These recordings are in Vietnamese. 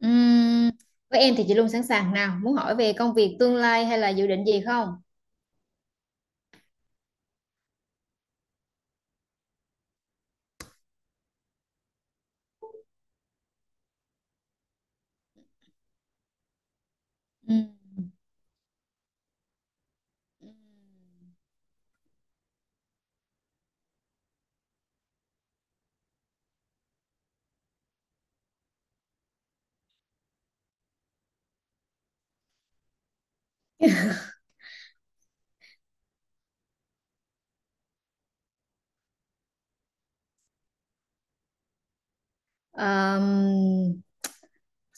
Ừm, với em thì chị luôn sẵn sàng, nào muốn hỏi về công việc tương lai hay là dự định gì không? Ừm. Um,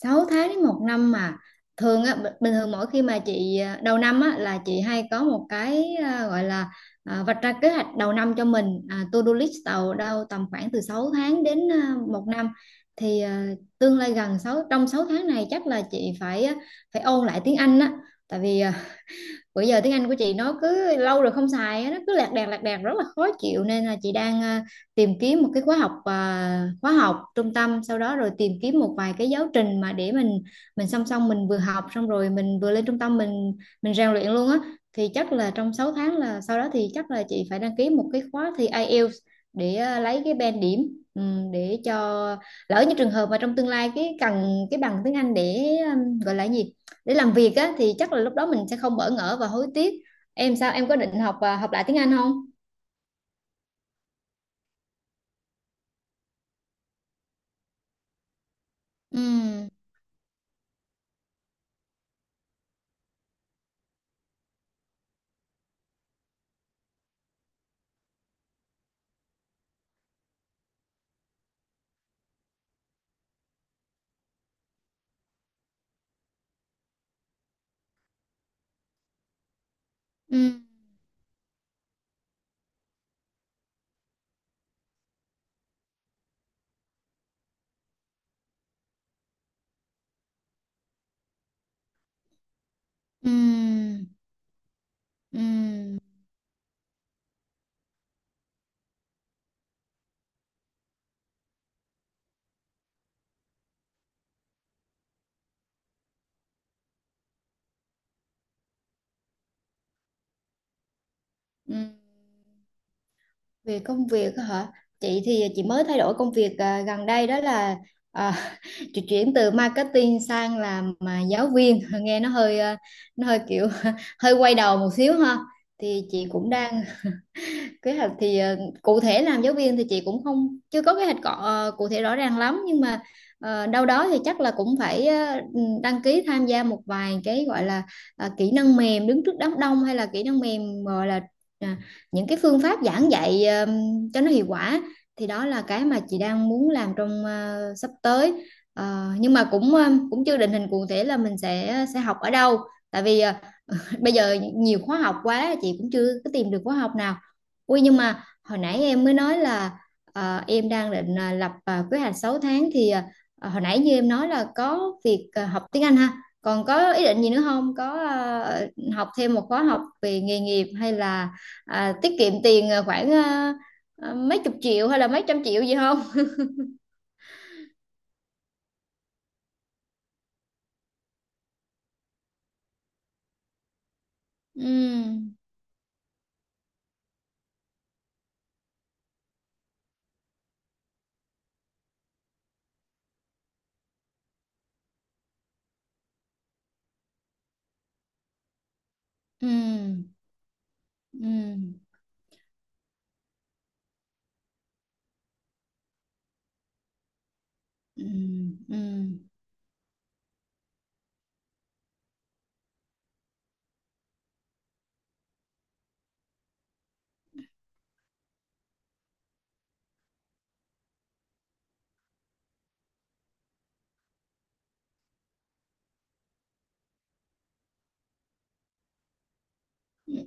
6 tháng đến một năm mà thường á, bình thường mỗi khi mà chị đầu năm á là chị hay có một cái gọi là vạch ra kế hoạch đầu năm cho mình, to-do list đầu đâu tầm khoảng từ 6 tháng đến một năm. Thì tương lai gần 6 trong 6 tháng này chắc là chị phải phải ôn lại tiếng Anh á, tại vì bữa giờ tiếng Anh của chị nó cứ lâu rồi không xài, nó cứ lạc đàn rất là khó chịu, nên là chị đang tìm kiếm một cái khóa học, khóa học trung tâm, sau đó rồi tìm kiếm một vài cái giáo trình mà để mình song song, mình vừa học xong rồi mình vừa lên trung tâm mình rèn luyện luôn á. Thì chắc là trong 6 tháng là sau đó thì chắc là chị phải đăng ký một cái khóa thi IELTS để lấy cái band điểm, ừ, để cho lỡ như trường hợp mà trong tương lai cái cần cái bằng tiếng Anh để gọi là gì, để làm việc á, thì chắc là lúc đó mình sẽ không bỡ ngỡ và hối tiếc. Em sao, em có định học và học lại tiếng Anh không? Ừ. Ừ. Ừ. Ừ. Ừ. Về công việc á hả? Chị thì chị mới thay đổi công việc gần đây, đó là à, chị chuyển từ marketing sang làm giáo viên, nghe nó hơi nó hơi kiểu hơi quay đầu một xíu ha. Thì chị cũng đang kế hoạch, thì cụ thể làm giáo viên thì chị cũng không chưa có kế hoạch cụ thể rõ ràng lắm, nhưng mà đâu đó thì chắc là cũng phải đăng ký tham gia một vài cái gọi là kỹ năng mềm đứng trước đám đông, hay là kỹ năng mềm gọi là à, những cái phương pháp giảng dạy cho nó hiệu quả. Thì đó là cái mà chị đang muốn làm trong sắp tới. Nhưng mà cũng cũng chưa định hình cụ thể là mình sẽ học ở đâu, tại vì bây giờ nhiều khóa học quá, chị cũng chưa có tìm được khóa học nào. Ui, nhưng mà hồi nãy em mới nói là em đang định lập kế hoạch 6 tháng, thì hồi nãy như em nói là có việc học tiếng Anh ha. Còn có ý định gì nữa không? Có học thêm một khóa học về nghề nghiệp hay là tiết kiệm tiền khoảng mấy chục triệu hay là mấy trăm triệu gì không? Ừ. Ừ. Ừ. Ừ. Ừ. Ừ.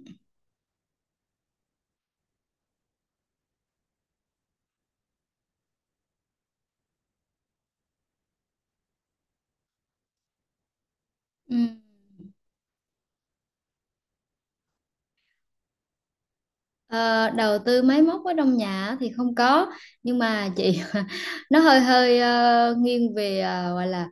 Ừ. Ờ, đầu tư máy móc ở trong nhà á thì không có, nhưng mà chị nó hơi hơi nghiêng về gọi là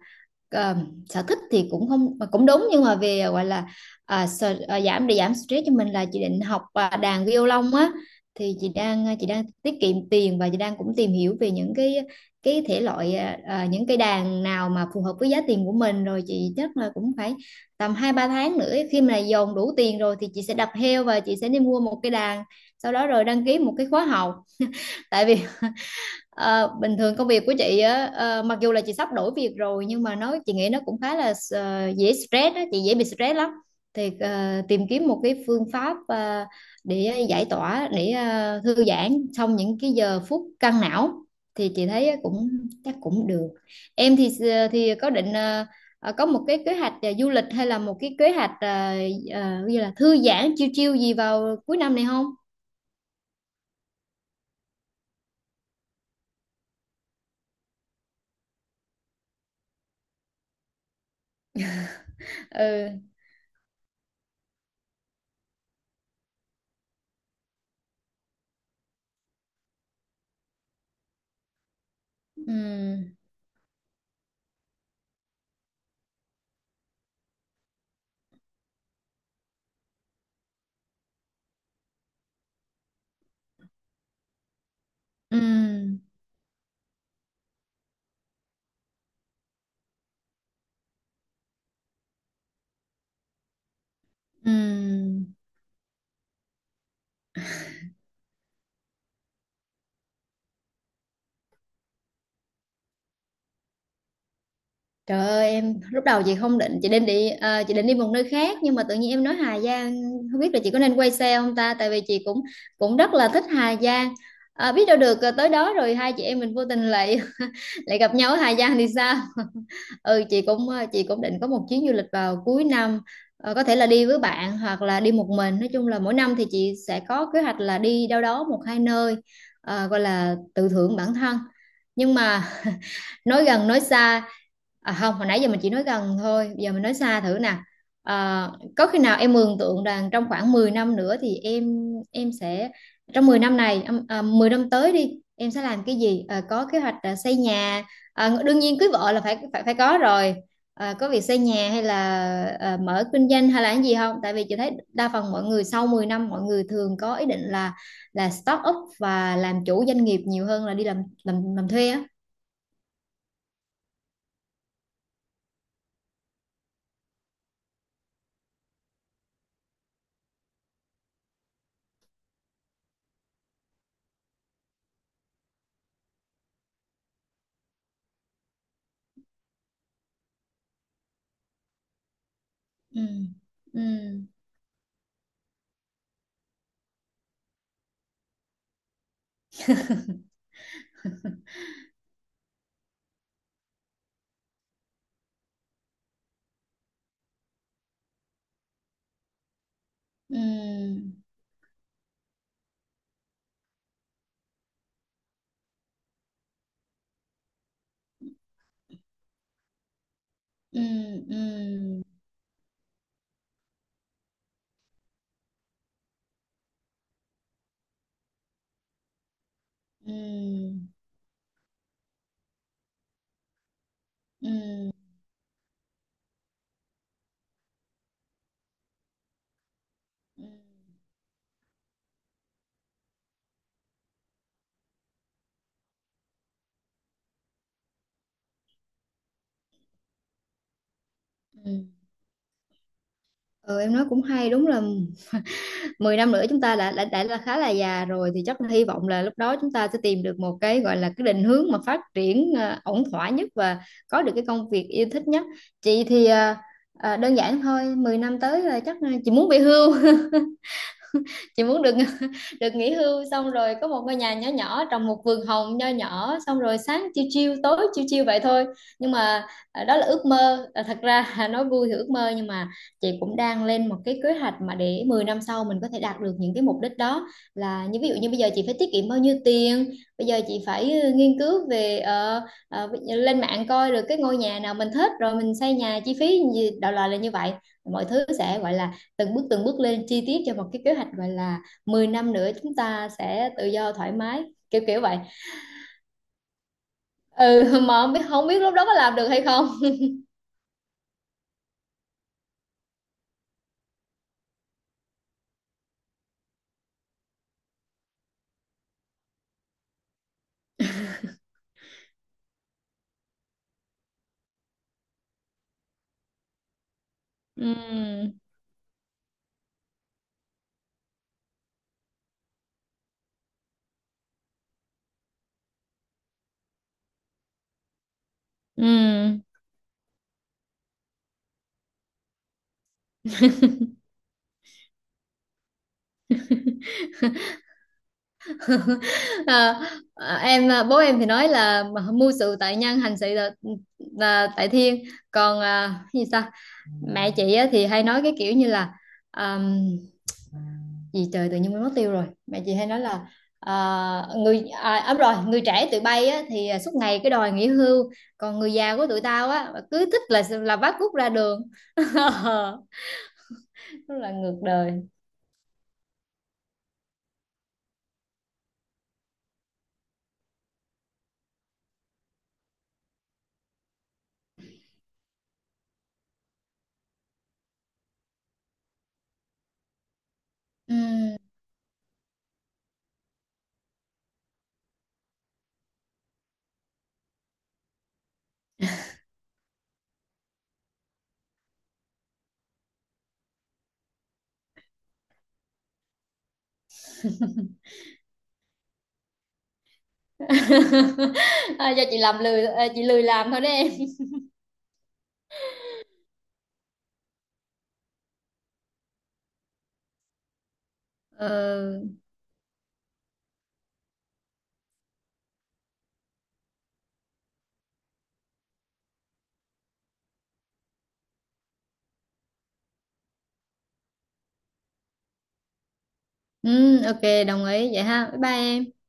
ờ, sở thích thì cũng không mà cũng đúng, nhưng mà về gọi là giảm để giảm stress cho mình, là chị định học đàn violon á. Thì chị đang chị đang tiết kiệm tiền và chị đang cũng tìm hiểu về những cái thể loại, những cái đàn nào mà phù hợp với giá tiền của mình, rồi chị chắc là cũng phải tầm hai ba tháng nữa, khi mà dồn đủ tiền rồi thì chị sẽ đập heo và chị sẽ đi mua một cái đàn, sau đó rồi đăng ký một cái khóa học. Tại vì bình thường công việc của chị á, ờ, mặc dù là chị sắp đổi việc rồi, nhưng mà chị nghĩ nó cũng khá là dễ stress á, chị dễ bị stress lắm. Thì tìm kiếm một cái phương pháp để giải tỏa, để thư giãn trong những cái giờ phút căng não, thì chị thấy cũng chắc cũng được. Em thì thì có định có một cái kế hoạch du lịch hay là một cái kế hoạch như là thư giãn chiêu chiêu gì vào cuối năm này không? Ừ. Ừ. Ừ. Ừ. Trời ơi em, lúc đầu chị không định, chị định đi chị định đi một nơi khác, nhưng mà tự nhiên em nói Hà Giang, không biết là chị có nên quay xe không ta, tại vì chị cũng cũng rất là thích Hà Giang. Ờ, biết đâu được tới đó rồi hai chị em mình vô tình lại lại gặp nhau ở Hà Giang thì sao. Ừ, chị cũng chị cũng định có một chuyến du lịch vào cuối năm. Ờ, có thể là đi với bạn hoặc là đi một mình, nói chung là mỗi năm thì chị sẽ có kế hoạch là đi đâu đó một hai nơi, gọi là tự thưởng bản thân. Nhưng mà nói gần nói xa, không, hồi nãy giờ mình chỉ nói gần thôi, bây giờ mình nói xa thử nè. à, có khi nào em mường tượng rằng trong khoảng 10 năm nữa thì em sẽ trong 10 năm này 10 năm tới đi, em sẽ làm cái gì, có kế hoạch xây nhà, đương nhiên cưới vợ là phải phải phải có rồi, có việc xây nhà hay là mở kinh doanh hay là cái gì không? Tại vì chị thấy đa phần mọi người sau 10 năm mọi người thường có ý định là start up và làm chủ doanh nghiệp nhiều hơn là đi làm làm thuê á. Ừ. Ừ. Ừ. Ừ. Ừ. Ừ. Ừ. Ừ. Ừ. Ừ, em nói cũng hay, đúng là mười năm nữa chúng ta đã là khá là già rồi, thì chắc là hy vọng là lúc đó chúng ta sẽ tìm được một cái gọi là cái định hướng mà phát triển ổn thỏa nhất và có được cái công việc yêu thích nhất. Chị thì đơn giản thôi, 10 năm tới là chắc chị muốn về hưu, chị muốn được được nghỉ hưu, xong rồi có một ngôi nhà nhỏ nhỏ, trồng một vườn hồng nho nhỏ, xong rồi sáng chiêu chiêu tối chiêu chiêu vậy thôi. Nhưng mà đó là ước mơ. À, thật ra nói vui thì ước mơ, nhưng mà chị cũng đang lên một cái kế hoạch mà để 10 năm sau mình có thể đạt được những cái mục đích đó, là như ví dụ như bây giờ chị phải tiết kiệm bao nhiêu tiền, bây giờ chị phải ừ, nghiên cứu về ví dụ lên mạng coi được cái ngôi nhà nào mình thích rồi mình xây nhà chi phí gì, đại loại là như vậy. Mọi thứ sẽ gọi là từng bước lên chi tiết cho một cái kế hoạch, gọi là 10 năm nữa chúng ta sẽ tự do thoải mái, kiểu kiểu vậy. Ừ, mà không biết không biết lúc đó có làm được hay không. Ừ. Ừ. à, Bố em thì nói là mưu sự tại nhân, hành sự là tại thiên. Còn cái gì ta, mẹ chị á thì hay nói cái kiểu như là à, gì trời, tự nhiên quên mất tiêu rồi. Mẹ chị hay nói là à, người đúng rồi, người trẻ tụi bay á, thì suốt ngày cái đòi nghỉ hưu, còn người già của tụi tao á cứ thích là vác cuốc ra đường. Rất là ngược đời. Ừm. Do chị làm lười, chị lười làm thôi đấy em. Ờ, ừ, ok, đồng ý vậy ha, bye bye em.